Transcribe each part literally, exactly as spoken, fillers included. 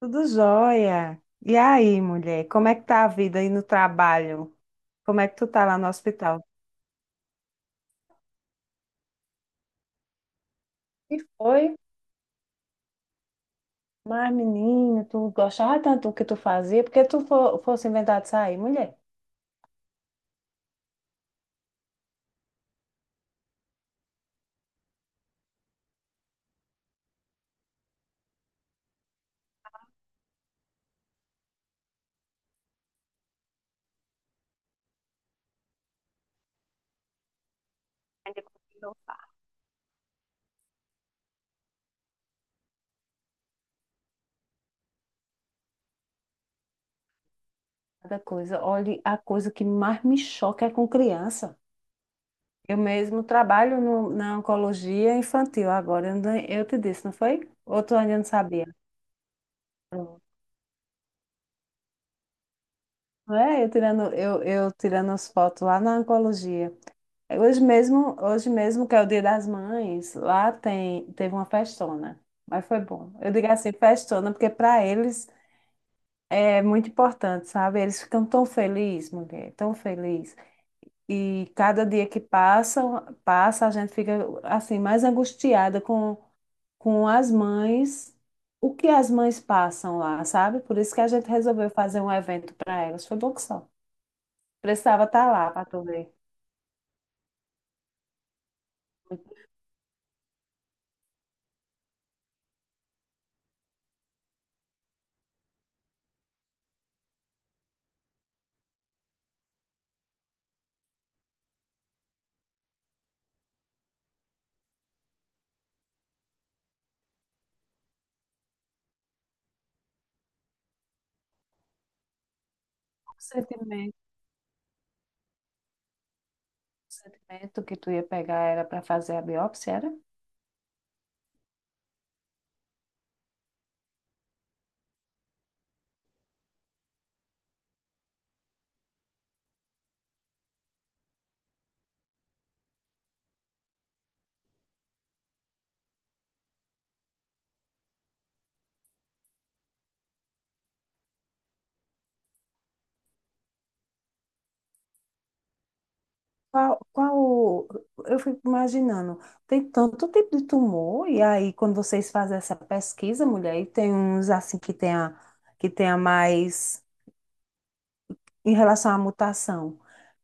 Tudo jóia. E aí, mulher, como é que tá a vida aí no trabalho? Como é que tu tá lá no hospital? E foi, mas menina, tu gostava tanto do que tu fazia, porque tu fo- fosse inventar de sair, mulher. Cada coisa, olha, a coisa que mais me choca é com criança. Eu mesmo trabalho no- na oncologia infantil agora, eu, não- eu te disse, não foi? Ou tu ainda não sabia? Não é? Eu tirando, eu, eu tirando as fotos lá na oncologia. Hoje mesmo, hoje mesmo, que é o Dia das Mães, lá tem, teve uma festona, mas foi bom. Eu digo assim, festona, porque para eles é muito importante, sabe? Eles ficam tão felizes, mulher, tão felizes. E cada dia que passa, passa, a gente fica assim mais angustiada com, com as mães, o que as mães passam lá, sabe? Por isso que a gente resolveu fazer um evento para elas. Foi bom que só. Precisava estar lá para tu ver. Sentimento. Procedimento que tu ia pegar era para fazer a biópsia, era? Qual, qual, eu fico imaginando, tem tanto tipo de tumor, e aí quando vocês fazem essa pesquisa, mulher, e tem uns assim que tenha, que tenha mais em relação à mutação.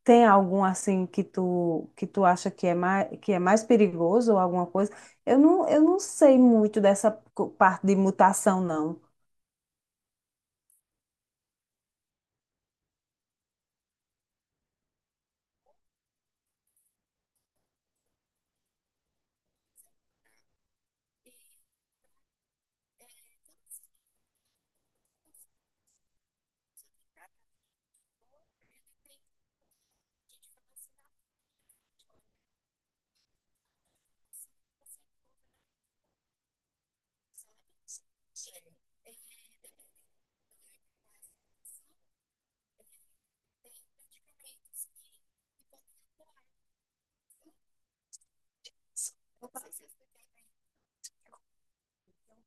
Tem algum assim que tu, que tu acha que é mais, que é mais perigoso ou alguma coisa? Eu não, eu não sei muito dessa co- parte de mutação, não.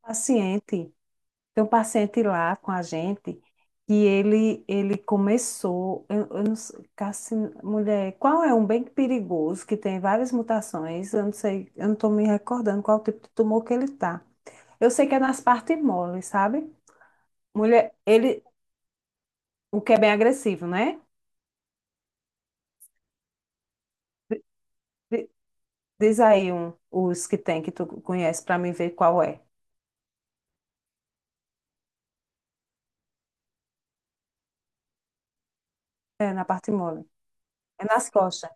Paciente. Tem um paciente lá com a gente que ele, ele começou, eu, eu não sei, carcin- mulher, qual é um bem perigoso que tem várias mutações? Eu não sei, eu não estou me recordando qual tipo de tumor que ele tá. Eu sei que é nas partes moles, sabe? Mulher, ele, o que é bem agressivo, né? Di- Diz aí um, os que tem que tu conhece para mim ver qual é. É na parte mole. É nas costas.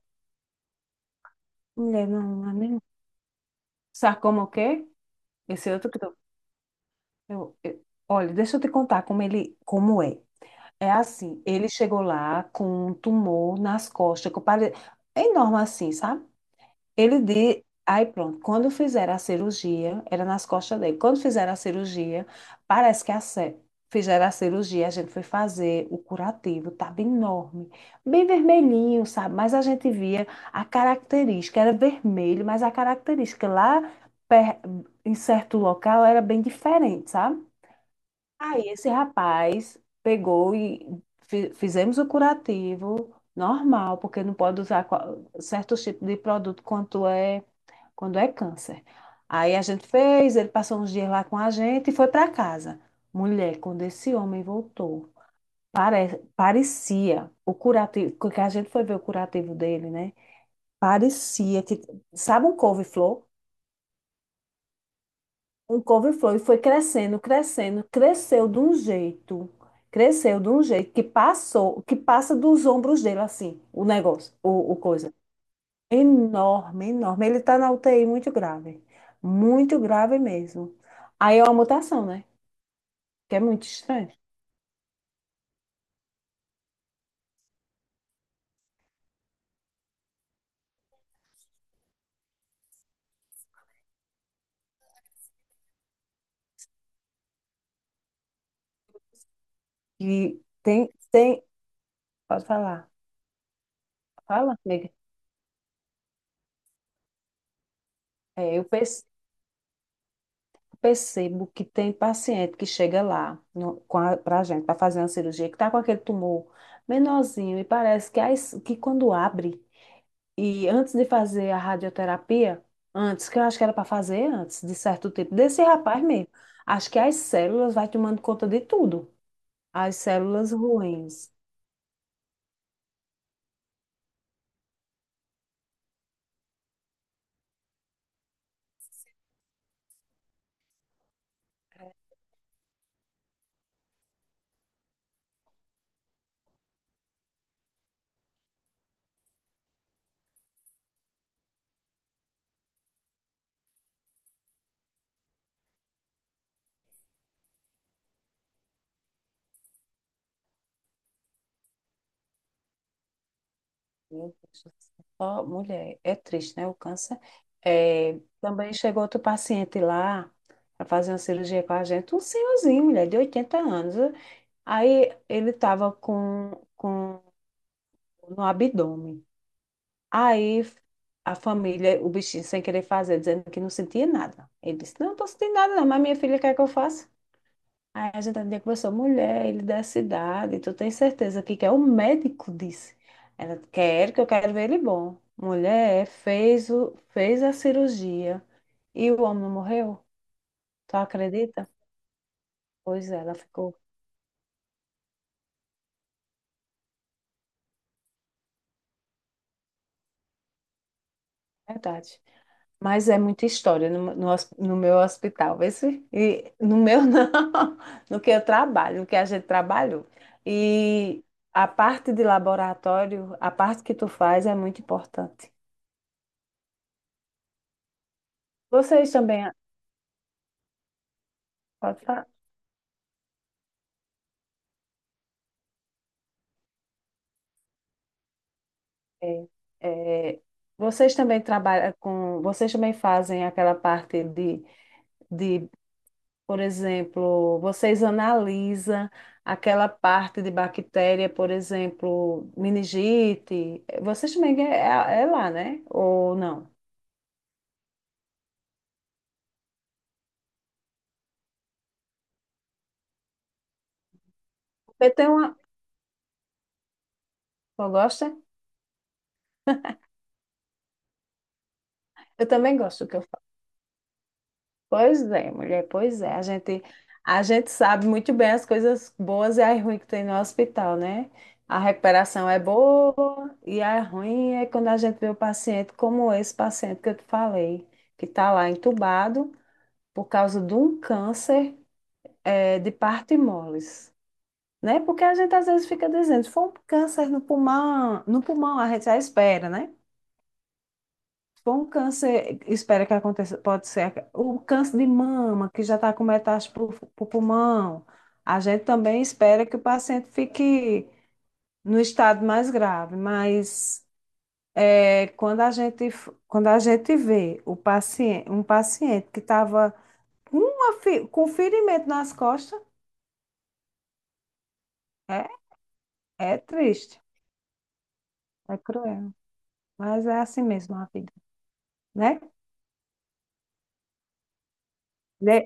Mulher, não, não é nem. Sarcoma o quê? Esse outro que Eu, eu- olha, deixa eu te contar como ele, como é. É assim, ele chegou lá com um tumor nas costas, que pare... é enorme assim, sabe? Ele de... Aí pronto, quando fizeram a cirurgia, era nas costas dele. Quando fizeram a cirurgia, parece que a ce- fizeram a cirurgia, a gente foi fazer o curativo, tava enorme, bem vermelhinho, sabe? Mas a gente via a característica, era vermelho, mas a característica lá per- em certo local era bem diferente, sabe? Aí esse rapaz pegou e fi- fizemos o curativo normal, porque não pode usar qua- certos tipos de produto quando é, quando é câncer. Aí a gente fez, ele passou uns dias lá com a gente e foi para casa. Mulher, quando esse homem voltou, pare- parecia o curativo, porque a gente foi ver o curativo dele, né? Parecia que, sabe um couve-flor? Um couve-flor e foi crescendo, crescendo, cresceu de um jeito, cresceu de um jeito que passou, que passa dos ombros dele assim, o negócio, o, o coisa. Enorme, enorme. Ele tá na UTI muito grave, muito grave mesmo. Aí é uma mutação, né? Que é muito estranho. E tem, tem, pode falar, fala, nega. É, eu pe- percebo que tem paciente que chega lá no, com a, pra gente, para fazer uma cirurgia, que tá com aquele tumor menorzinho e parece que, as- que quando abre, e antes de fazer a radioterapia, antes, que eu acho que era para fazer antes, de certo tipo, desse rapaz mesmo, acho que as células vai tomando conta de tudo. As células ruins. Meu Deus do céu. Ó, mulher, é triste, né? O câncer. É, também chegou outro paciente lá para fazer uma cirurgia com a gente, um senhorzinho, mulher, de oitenta anos. Aí ele estava com, com no abdômen. Aí a família, o bichinho sem querer fazer, dizendo que não sentia nada. Ele disse, não, estou sentindo nada não, mas minha filha quer que eu faça. Aí a gente ainda conversou, mulher, ele da cidade, tu tem certeza que quer? O médico disse. Ela, quer que eu quero ver ele bom. Mulher, fez, o, fez a cirurgia e o homem não morreu. Tu acredita? Pois é, ela ficou, verdade. Mas é muita história no, no, hos- no meu hospital, vê se- e no meu não, no que eu trabalho, no que a gente trabalhou. E a parte de laboratório, a parte que tu faz é muito importante. Vocês também, pode falar? É, é, vocês também trabalham com, vocês também fazem aquela parte de, de Por exemplo, vocês analisam aquela parte de bactéria, por exemplo, meningite. Vocês também é, é- é lá, né? Ou não? Eu tenho uma. Eu gosto? Eu também gosto do que eu faço. Pois é, mulher, pois é. A gente, a gente sabe muito bem as coisas boas e as ruins que tem no hospital, né? A recuperação é boa e a ruim é quando a gente vê o paciente como esse paciente que eu te falei, que está lá entubado por causa de um câncer é, de parto e moles, né? Porque a gente às vezes fica dizendo, se for um câncer no pulmão, no pulmão a gente já espera, né? Se for um câncer, espera que aconteça, pode ser o câncer de mama, que já está com metástase para o pulmão, a gente também espera que o paciente fique no estado mais grave, mas é, quando a gente, quando a gente vê o paciente, um paciente que estava com, uma fi- com um ferimento nas costas, é, é triste, é cruel. Mas é assim mesmo a vida, né? Né?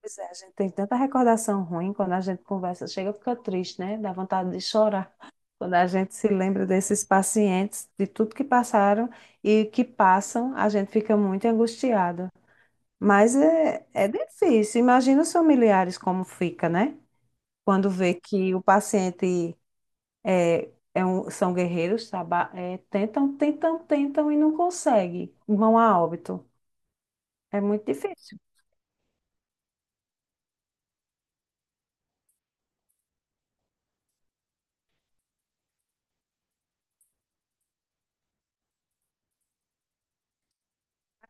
Pois é, a gente tem tanta recordação ruim quando a gente conversa, chega, fica triste, né? Dá vontade de chorar. Quando a gente se lembra desses pacientes, de tudo que passaram e que passam, a gente fica muito angustiado. Mas é, é difícil. Imagina os familiares como fica, né? Quando vê que o paciente é, é um- são guerreiros, traba- é, tentam, tentam, tentam e não conseguem, vão a óbito. É muito difícil.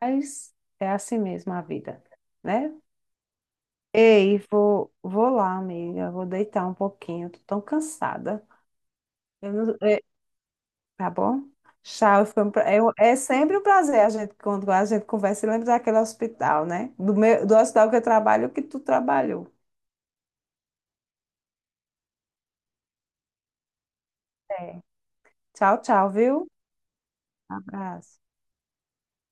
Mas é assim mesmo a vida, né? Ei, vou, vou lá, amiga. Vou deitar um pouquinho. Tô tão cansada. Eu não- é, tá bom? Tchau. Foi um pra- é, é sempre um prazer a gente, quando a gente conversa e lembra daquele hospital, né? Do meu, do hospital que eu trabalho, que tu trabalhou. É. Tchau, tchau, viu? Abraço.